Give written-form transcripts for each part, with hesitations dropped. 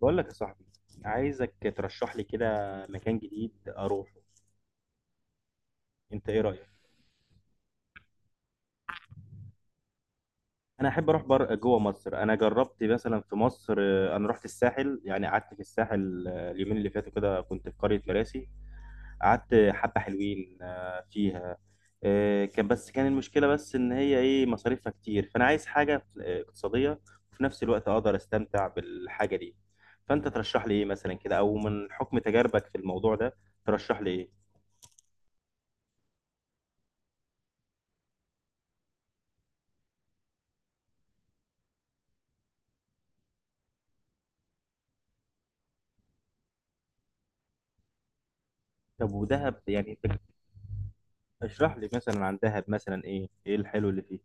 بقول لك يا صاحبي، عايزك ترشح لي كده مكان جديد اروحه. انت ايه رايك؟ انا احب اروح جوه مصر. انا جربت مثلا في مصر، انا رحت الساحل، يعني قعدت في الساحل، اليومين اللي فاتوا كده كنت في قريه مراسي. قعدت حبه حلوين فيها. كان، بس كان المشكله بس ان هي ايه مصاريفها كتير، فانا عايز حاجه اقتصاديه، وفي نفس الوقت اقدر استمتع بالحاجه دي. فانت ترشح لي ايه مثلا كده، او من حكم تجاربك في الموضوع ده ترشح لي ايه؟ طب ودهب يعني؟ اشرح لي مثلا عن دهب، مثلا ايه الحلو اللي فيه؟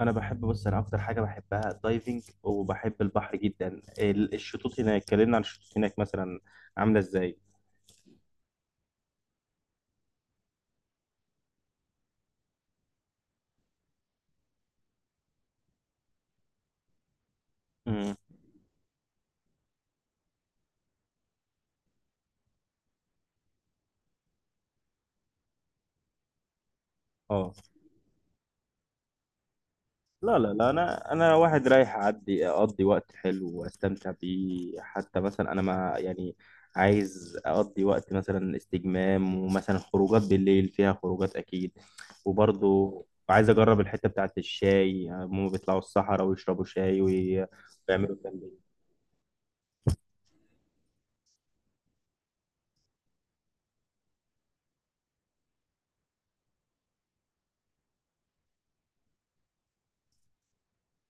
انا بحب، بص انا اكتر حاجه بحبها الدايفنج، وبحب البحر جدا. الشطوط هناك، اتكلمنا عن الشطوط هناك، مثلا عامله ازاي؟ امم اه، لا لا لا، انا واحد رايح اعدي اقضي وقت حلو واستمتع بيه، حتى مثلا انا ما يعني. عايز اقضي وقت مثلا استجمام، ومثلا خروجات بالليل، فيها خروجات اكيد. وبرضه عايز اجرب الحته بتاعت الشاي، يعني هما بيطلعوا الصحراء ويشربوا شاي ويعملوا تمرين.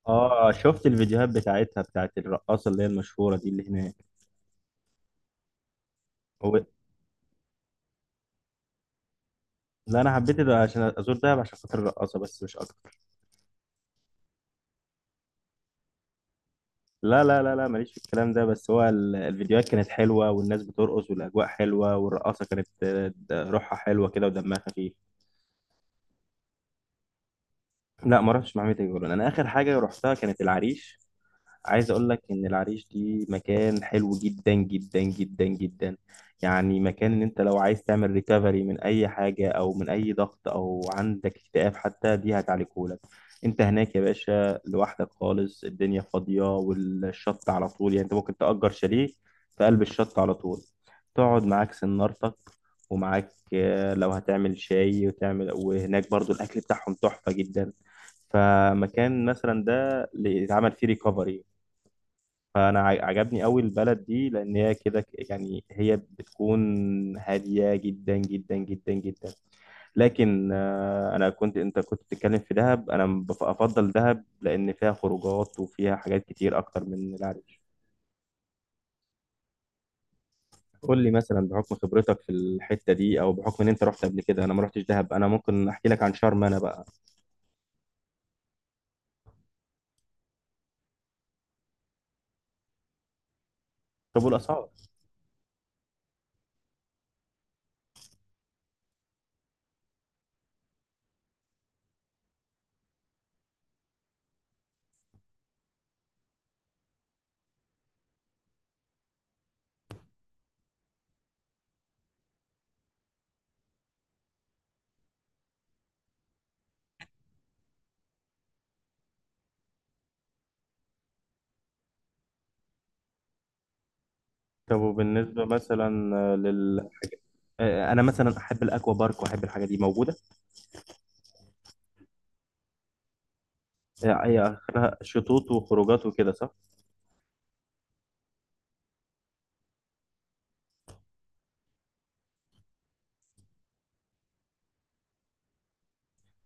اه، شفت الفيديوهات بتاعتها، بتاعت الرقاصه اللي هي المشهوره دي اللي هناك. هو، لا انا حبيت ده عشان ازور دهب عشان خاطر الرقاصه، بس مش اكتر. لا لا لا لا، ماليش في الكلام ده، بس هو الفيديوهات كانت حلوة والناس بترقص والأجواء حلوة، والرقاصة كانت روحها حلوة كده ودمها خفيف. لا، ما رحتش مع ميتا جولان. أنا آخر حاجة رحتها كانت العريش. عايز اقول لك ان العريش دي مكان حلو جدا جدا جدا جدا. يعني مكان ان انت لو عايز تعمل ريكفري من اي حاجه، او من اي ضغط، او عندك اكتئاب حتى، دي هتعالجهولك. انت هناك يا باشا لوحدك خالص، الدنيا فاضيه والشط على طول، يعني انت ممكن تأجر شاليه في قلب الشط على طول، تقعد معاك سنارتك، ومعاك لو هتعمل شاي وتعمل، وهناك برضو الاكل بتاعهم تحفه جدا. فمكان مثلا ده اللي يتعمل فيه ريكفري. فانا عجبني قوي البلد دي، لان هي كده يعني هي بتكون هاديه جدا جدا جدا جدا. لكن انا كنت، انت كنت بتتكلم في دهب، انا افضل دهب لان فيها خروجات وفيها حاجات كتير اكتر من العريش. قول لي مثلا بحكم خبرتك في الحته دي، او بحكم ان انت رحت قبل كده، انا ما رحتش دهب، انا ممكن احكي لك عن شرم انا بقى. طب والاسعار؟ طب وبالنسبه مثلا لل... انا مثلا احب الاكوا بارك، واحب الحاجه دي موجوده. هي اخرها شطوط وخروجات وكده، صح؟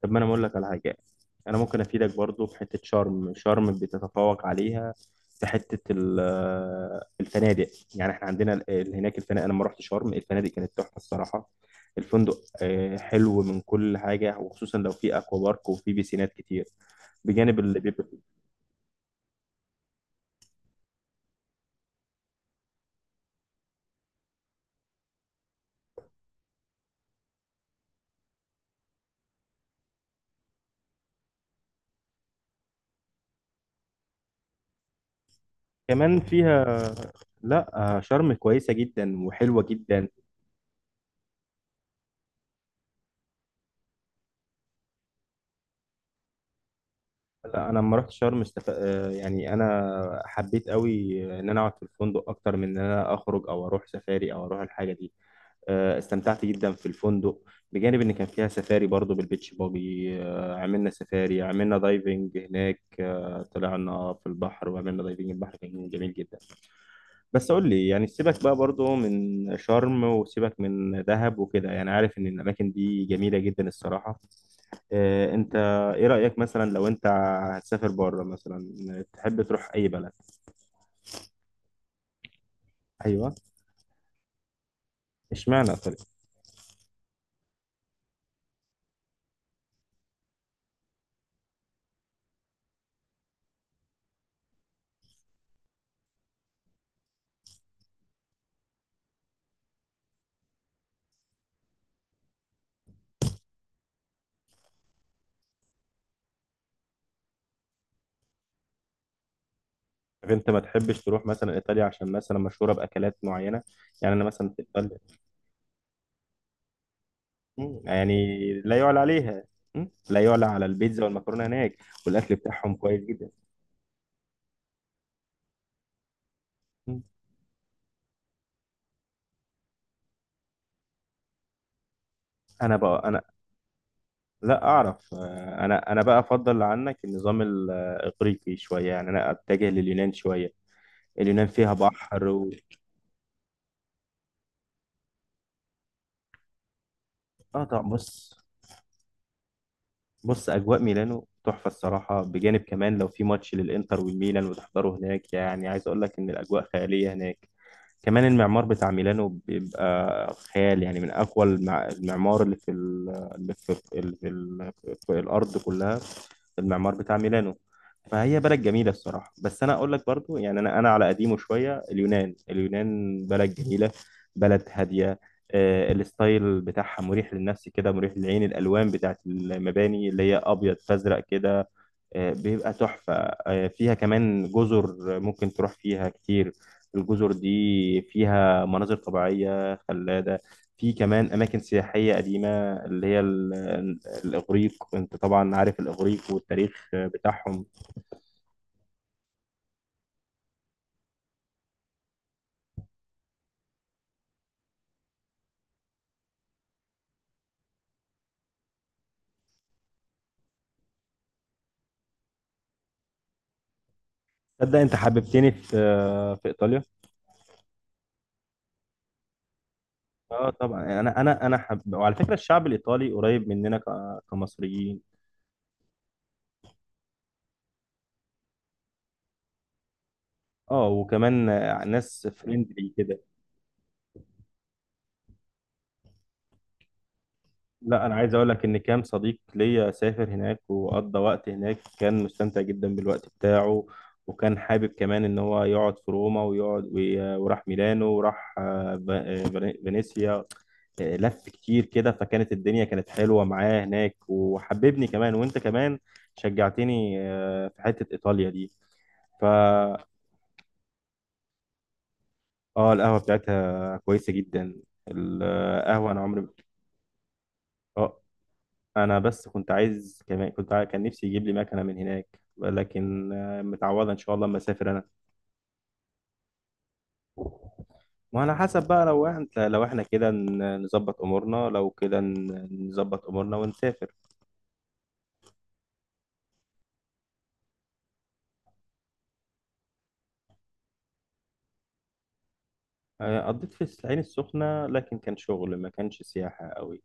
طب ما انا اقول لك على حاجه. انا ممكن افيدك برضو في حته شرم، شرم بتتفوق عليها في حته الفنادق. يعني احنا عندنا هناك الفنادق. انا لما رحت شرم الفنادق كانت تحفه الصراحه. الفندق حلو من كل حاجه، وخصوصا لو في اكوا بارك وفي بيسينات كتير بجانب اللي بيبقى كمان فيها. لا، شرم كويسه جدا وحلوه جدا. لا، انا لما رحت شرم استف... آه، يعني انا حبيت قوي ان انا اقعد في الفندق اكتر من ان انا اخرج او اروح سفاري او اروح الحاجه دي. استمتعت جدا في الفندق، بجانب ان كان فيها سفاري برضو بالبيتش باجي. عملنا سفاري، عملنا دايفنج هناك. طلعنا في البحر وعملنا دايفنج، البحر كان جميل جدا. بس قول لي يعني، سيبك بقى برضو من شرم، وسيبك من دهب وكده، يعني عارف ان الاماكن دي جميله جدا الصراحه. إيه انت؟ ايه رأيك مثلا لو انت هتسافر بره مثلا تحب تروح اي بلد؟ ايوه. اشمعنى ايطاليا؟ طب انت ما تحبش تروح مثلا ايطاليا عشان مثلا مشهورة باكلات معينة؟ يعني انا مثلا في ايطاليا. يعني لا يعلى عليها. لا يعلى على البيتزا والمكرونة هناك. والاكل بتاعهم كويس جدا. مم، انا بقى، انا لا اعرف. انا بقى افضل عنك النظام الاغريقي شوية، يعني انا اتجه لليونان شوية. اليونان فيها بحر و... اه طبعا، بص. بص، اجواء ميلانو تحفه الصراحه، بجانب كمان لو في ماتش للانتر والميلان وتحضره هناك، يعني عايز اقول لك ان الاجواء خياليه هناك. كمان المعمار بتاع ميلانو بيبقى خيال، يعني من اقوى المعمار اللي في ال... اللي في, اللي في, ال... في الارض كلها. المعمار بتاع ميلانو، فهي بلد جميله الصراحه. بس انا اقول لك برضو، يعني انا على قديمه شويه، اليونان، اليونان بلد جميله، بلد هاديه. الستايل بتاعها مريح للنفس كده، مريح للعين، الالوان بتاعت المباني اللي هي ابيض فازرق كده بيبقى تحفه. فيها كمان جزر ممكن تروح فيها كتير. الجزر دي فيها مناظر طبيعيه خلابه. في كمان اماكن سياحيه قديمه، اللي هي الاغريق، انت طبعا عارف الاغريق والتاريخ بتاعهم. تصدق انت حببتني في، ايطاليا. اه طبعا، وعلى فكره الشعب الايطالي قريب مننا كمصريين. اه، وكمان ناس فريندلي كده. لا، انا عايز اقول لك ان كام صديق ليا سافر هناك، وقضى وقت هناك كان مستمتع جدا بالوقت بتاعه. وكان حابب كمان ان هو يقعد في روما، ويقعد وراح ميلانو، وراح فينيسيا. لف كتير كده، فكانت الدنيا كانت حلوة معاه هناك، وحببني كمان، وانت كمان شجعتني في حتة ايطاليا دي، فا... اه، القهوة بتاعتها كويسة جدا. القهوة انا عمري... اه، انا بس كنت عايز كمان، كنت كان نفسي يجيب لي مكنه من هناك، لكن متعوضه ان شاء الله اما اسافر انا. وعلى حسب بقى، لو احنا كده نظبط امورنا، لو كده نظبط امورنا ونسافر. قضيت في العين السخنه، لكن كان شغل، ما كانش سياحه قوي.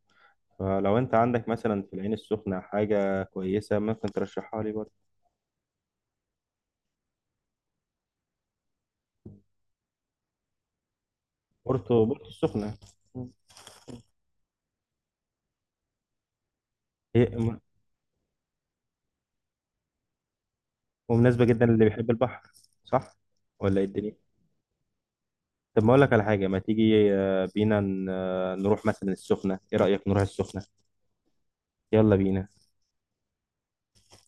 فلو انت عندك مثلا في العين السخنه حاجه كويسه، ممكن ترشحها لي برضه. بورتو، بورتو السخنه. هي م- ومناسبه جدا للي بيحب البحر. صح، ولا ايه الدنيا؟ طب ما اقول لك على حاجه، ما تيجي بينا نروح مثلا السخنه، ايه رايك نروح السخنه؟ يلا بينا.